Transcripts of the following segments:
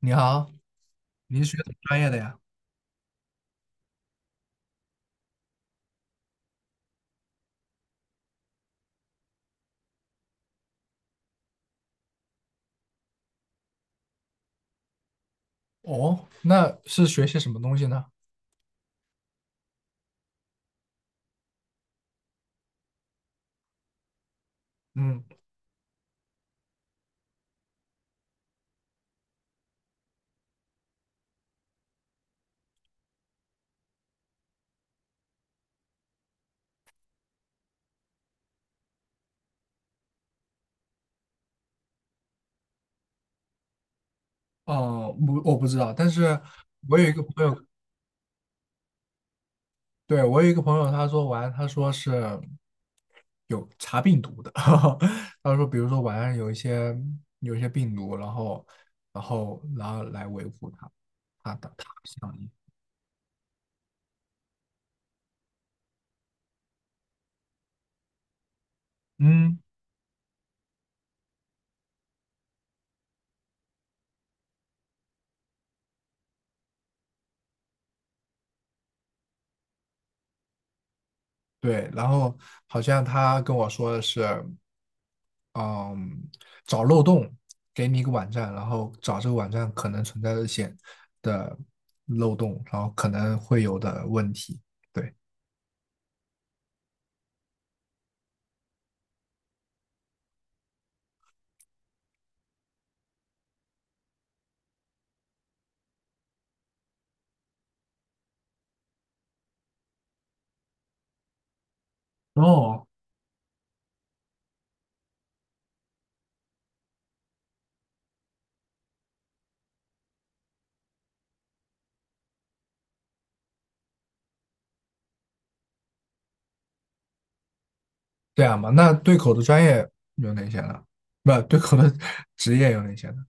你好，你是学什么专业的呀？哦，那是学些什么东西呢？嗯。哦，不，我不知道，但是我有一个朋友。对，我有一个朋友，他说是有查病毒的，他说比如说晚上有一些病毒，然后来维护他它的它的上瘾。嗯，对，然后好像他跟我说的是。嗯，找漏洞，给你一个网站，然后找这个网站可能存在的的漏洞，然后可能会有的问题。对。哦，这样吧，那对口的专业有哪些呢？不，对口的 职业有哪些呢？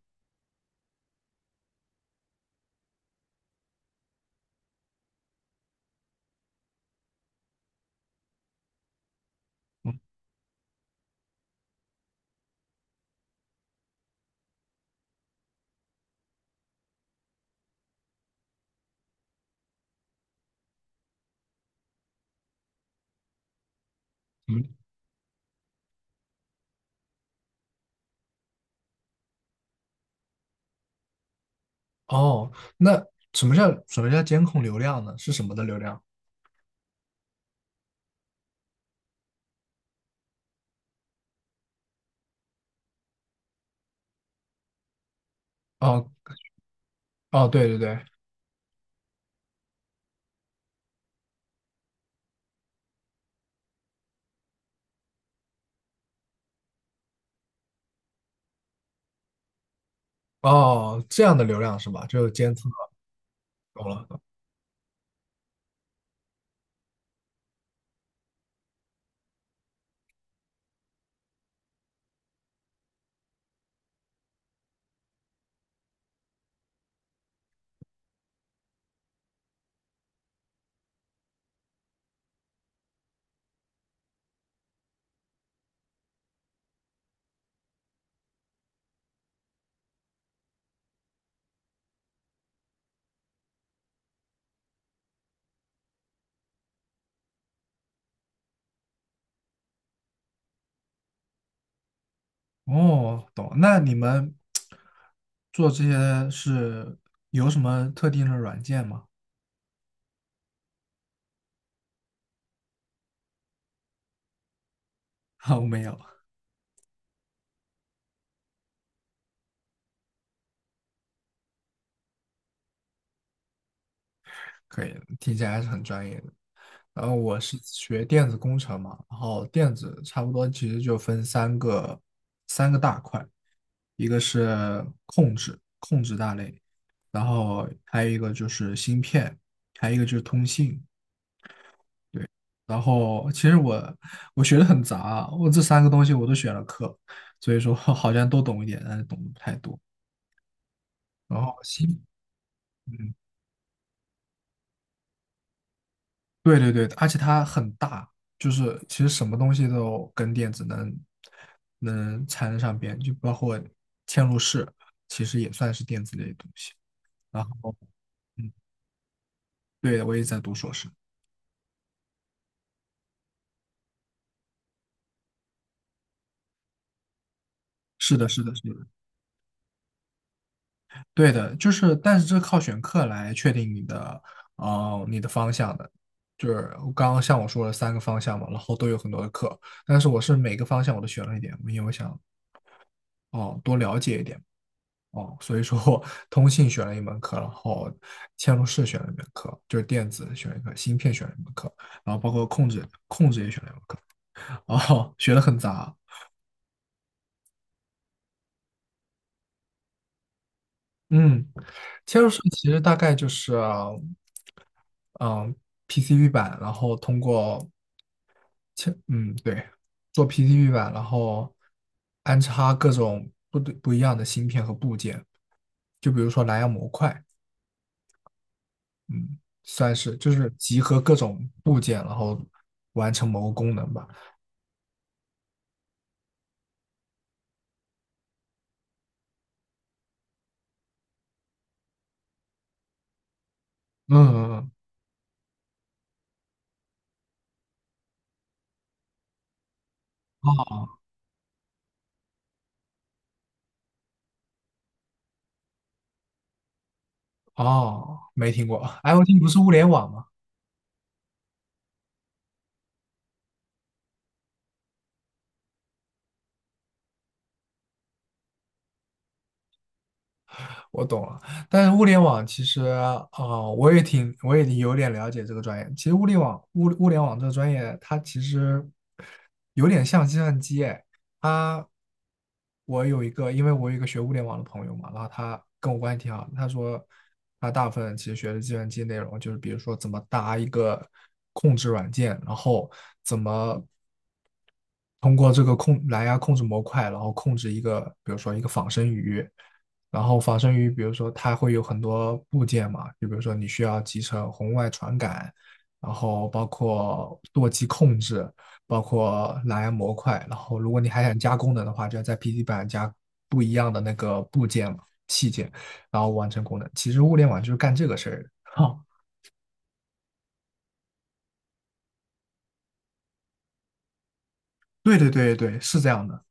嗯嗯。哦，那什么叫监控流量呢？是什么的流量？哦哦，对对对。哦，这样的流量是吧？就监测，懂了。哦，懂，那你们做这些是有什么特定的软件吗？哦，没有。可以，听起来还是很专业的。然后我是学电子工程嘛，然后电子差不多其实就分三个大块，一个是控制大类，然后还有一个就是芯片，还有一个就是通信。然后其实我学的很杂，我这三个东西我都选了课，所以说 好像都懂一点，但是懂得不太多。然后新，嗯，对对对，而且它很大，就是其实什么东西都跟电子能缠得上边，就包括嵌入式，其实也算是电子类的东西。然后，嗯，对，我也在读硕士。是的，是的，是的。对的，就是，但是这靠选课来确定你的方向的。就是我刚刚像我说了三个方向嘛，然后都有很多的课，但是我是每个方向我都选了一点，因为我想哦多了解一点。哦，所以说我通信选了一门课，然后嵌入式选了一门课，就是电子选了一个，芯片选了一门课，然后包括控制也选了一门课，哦，学的很杂。嗯，嵌入式其实大概就是，嗯，PCB 版，然后通过切嗯，对，做 PCB 版，然后安插各种不一样的芯片和部件，就比如说蓝牙模块，嗯，算是就是集合各种部件，然后完成某个功能吧。嗯，嗯嗯。哦，哦没听过，IoT 不是物联网吗？我懂了，但是物联网其实，啊，我也有点了解这个专业。其实物联网，物联网这个专业，它其实有点像计算机。它，我有一个，因为我有一个学物联网的朋友嘛，然后他跟我关系挺好的，他说他大部分其实学的计算机内容，就是比如说怎么搭一个控制软件，然后怎么通过这个蓝牙控制模块，然后控制一个，比如说一个仿生鱼。然后仿生于，比如说它会有很多部件嘛，就比如说你需要集成红外传感，然后包括舵机控制，包括蓝牙模块，然后如果你还想加功能的话，就要在 PC 版加不一样的那个部件嘛器件，然后完成功能。其实物联网就是干这个事儿的。哦 对对对对，是这样的。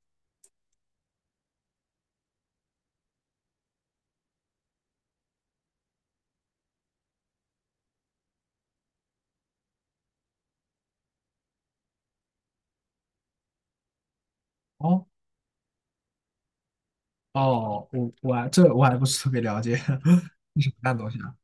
哦哦，我还不是特别了解 东西啊。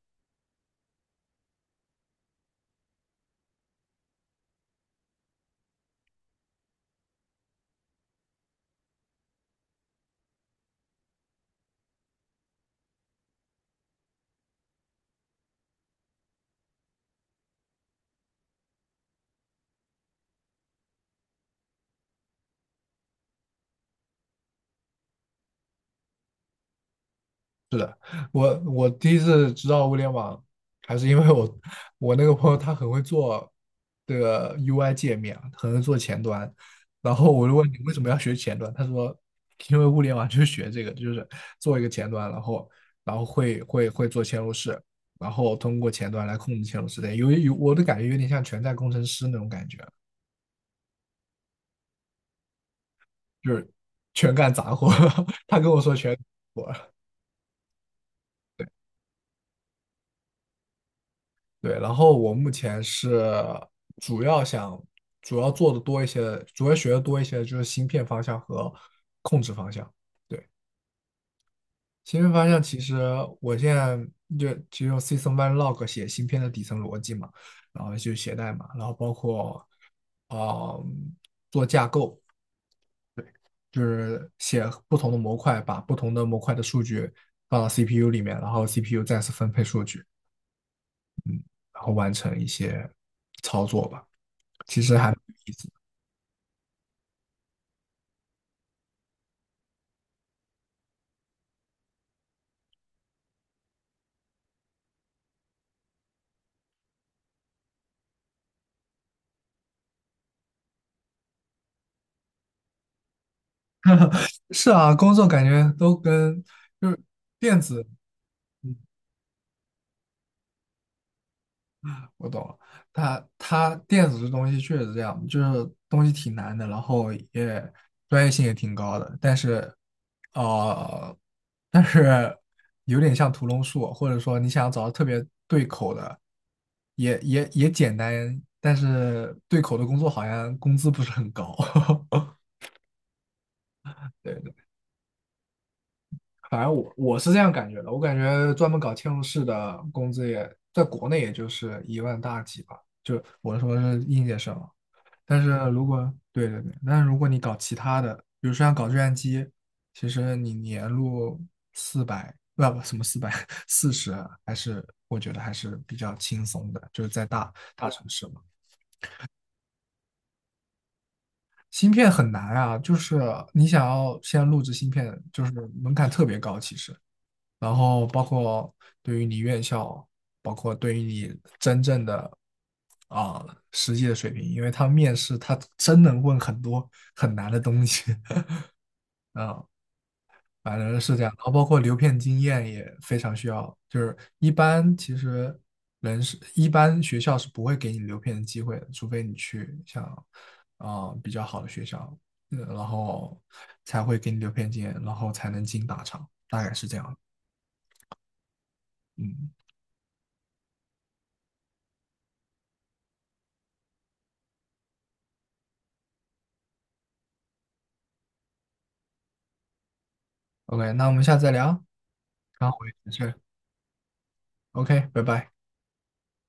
是的，我第一次知道物联网，还是因为我那个朋友他很会做这个 UI 界面啊，很会做前端，然后我就问你为什么要学前端，他说因为物联网就是学这个，就是做一个前端，然后会做嵌入式，然后通过前端来控制嵌入式的，我的感觉有点像全站工程师那种感觉，就是全干杂活，他跟我说全干活。对，然后我目前是主要想主要做的多一些主要学的多一些就是芯片方向和控制方向。对，芯片方向其实我现在就只用 System One Log 写芯片的底层逻辑嘛，然后就写代码，然后包括啊、呃做架构，就是写不同的模块，把不同的模块的数据放到 CPU 里面，然后 CPU 再次分配数据，然后完成一些操作吧。其实还。是啊，工作感觉都跟就是电子，嗯，我懂了。它电子这东西确实这样，就是东西挺难的，然后也专业性也挺高的，呃，但是有点像屠龙术，或者说你想找到特别对口的，也简单，但是对口的工作好像工资不是很高。对。反正我是这样感觉的，我感觉专门搞嵌入式的工资也在国内也就是1万大几吧，就我说是应届生啊。但是如果对对对，但是如果你搞其他的，比如说像搞计算机，其实你年入四百，不不什么440，四十啊还是我觉得还是比较轻松的，就是在大城市嘛。芯片很难啊，就是你想要先在录制芯片，就是门槛特别高，其实。然后包括对于你院校，包括对于你真正的啊、实际的水平，因为他面试他真能问很多很难的东西 啊、反正是这样。然后包括留片经验也非常需要，就是一般其实人是一般学校是不会给你留片的机会的，除非你去像比较好的学校，嗯然后才会给你留片经验，然后才能进大厂，大概是这样。嗯。OK，那我们下次再聊啊，刚回我有点事儿 OK，拜拜。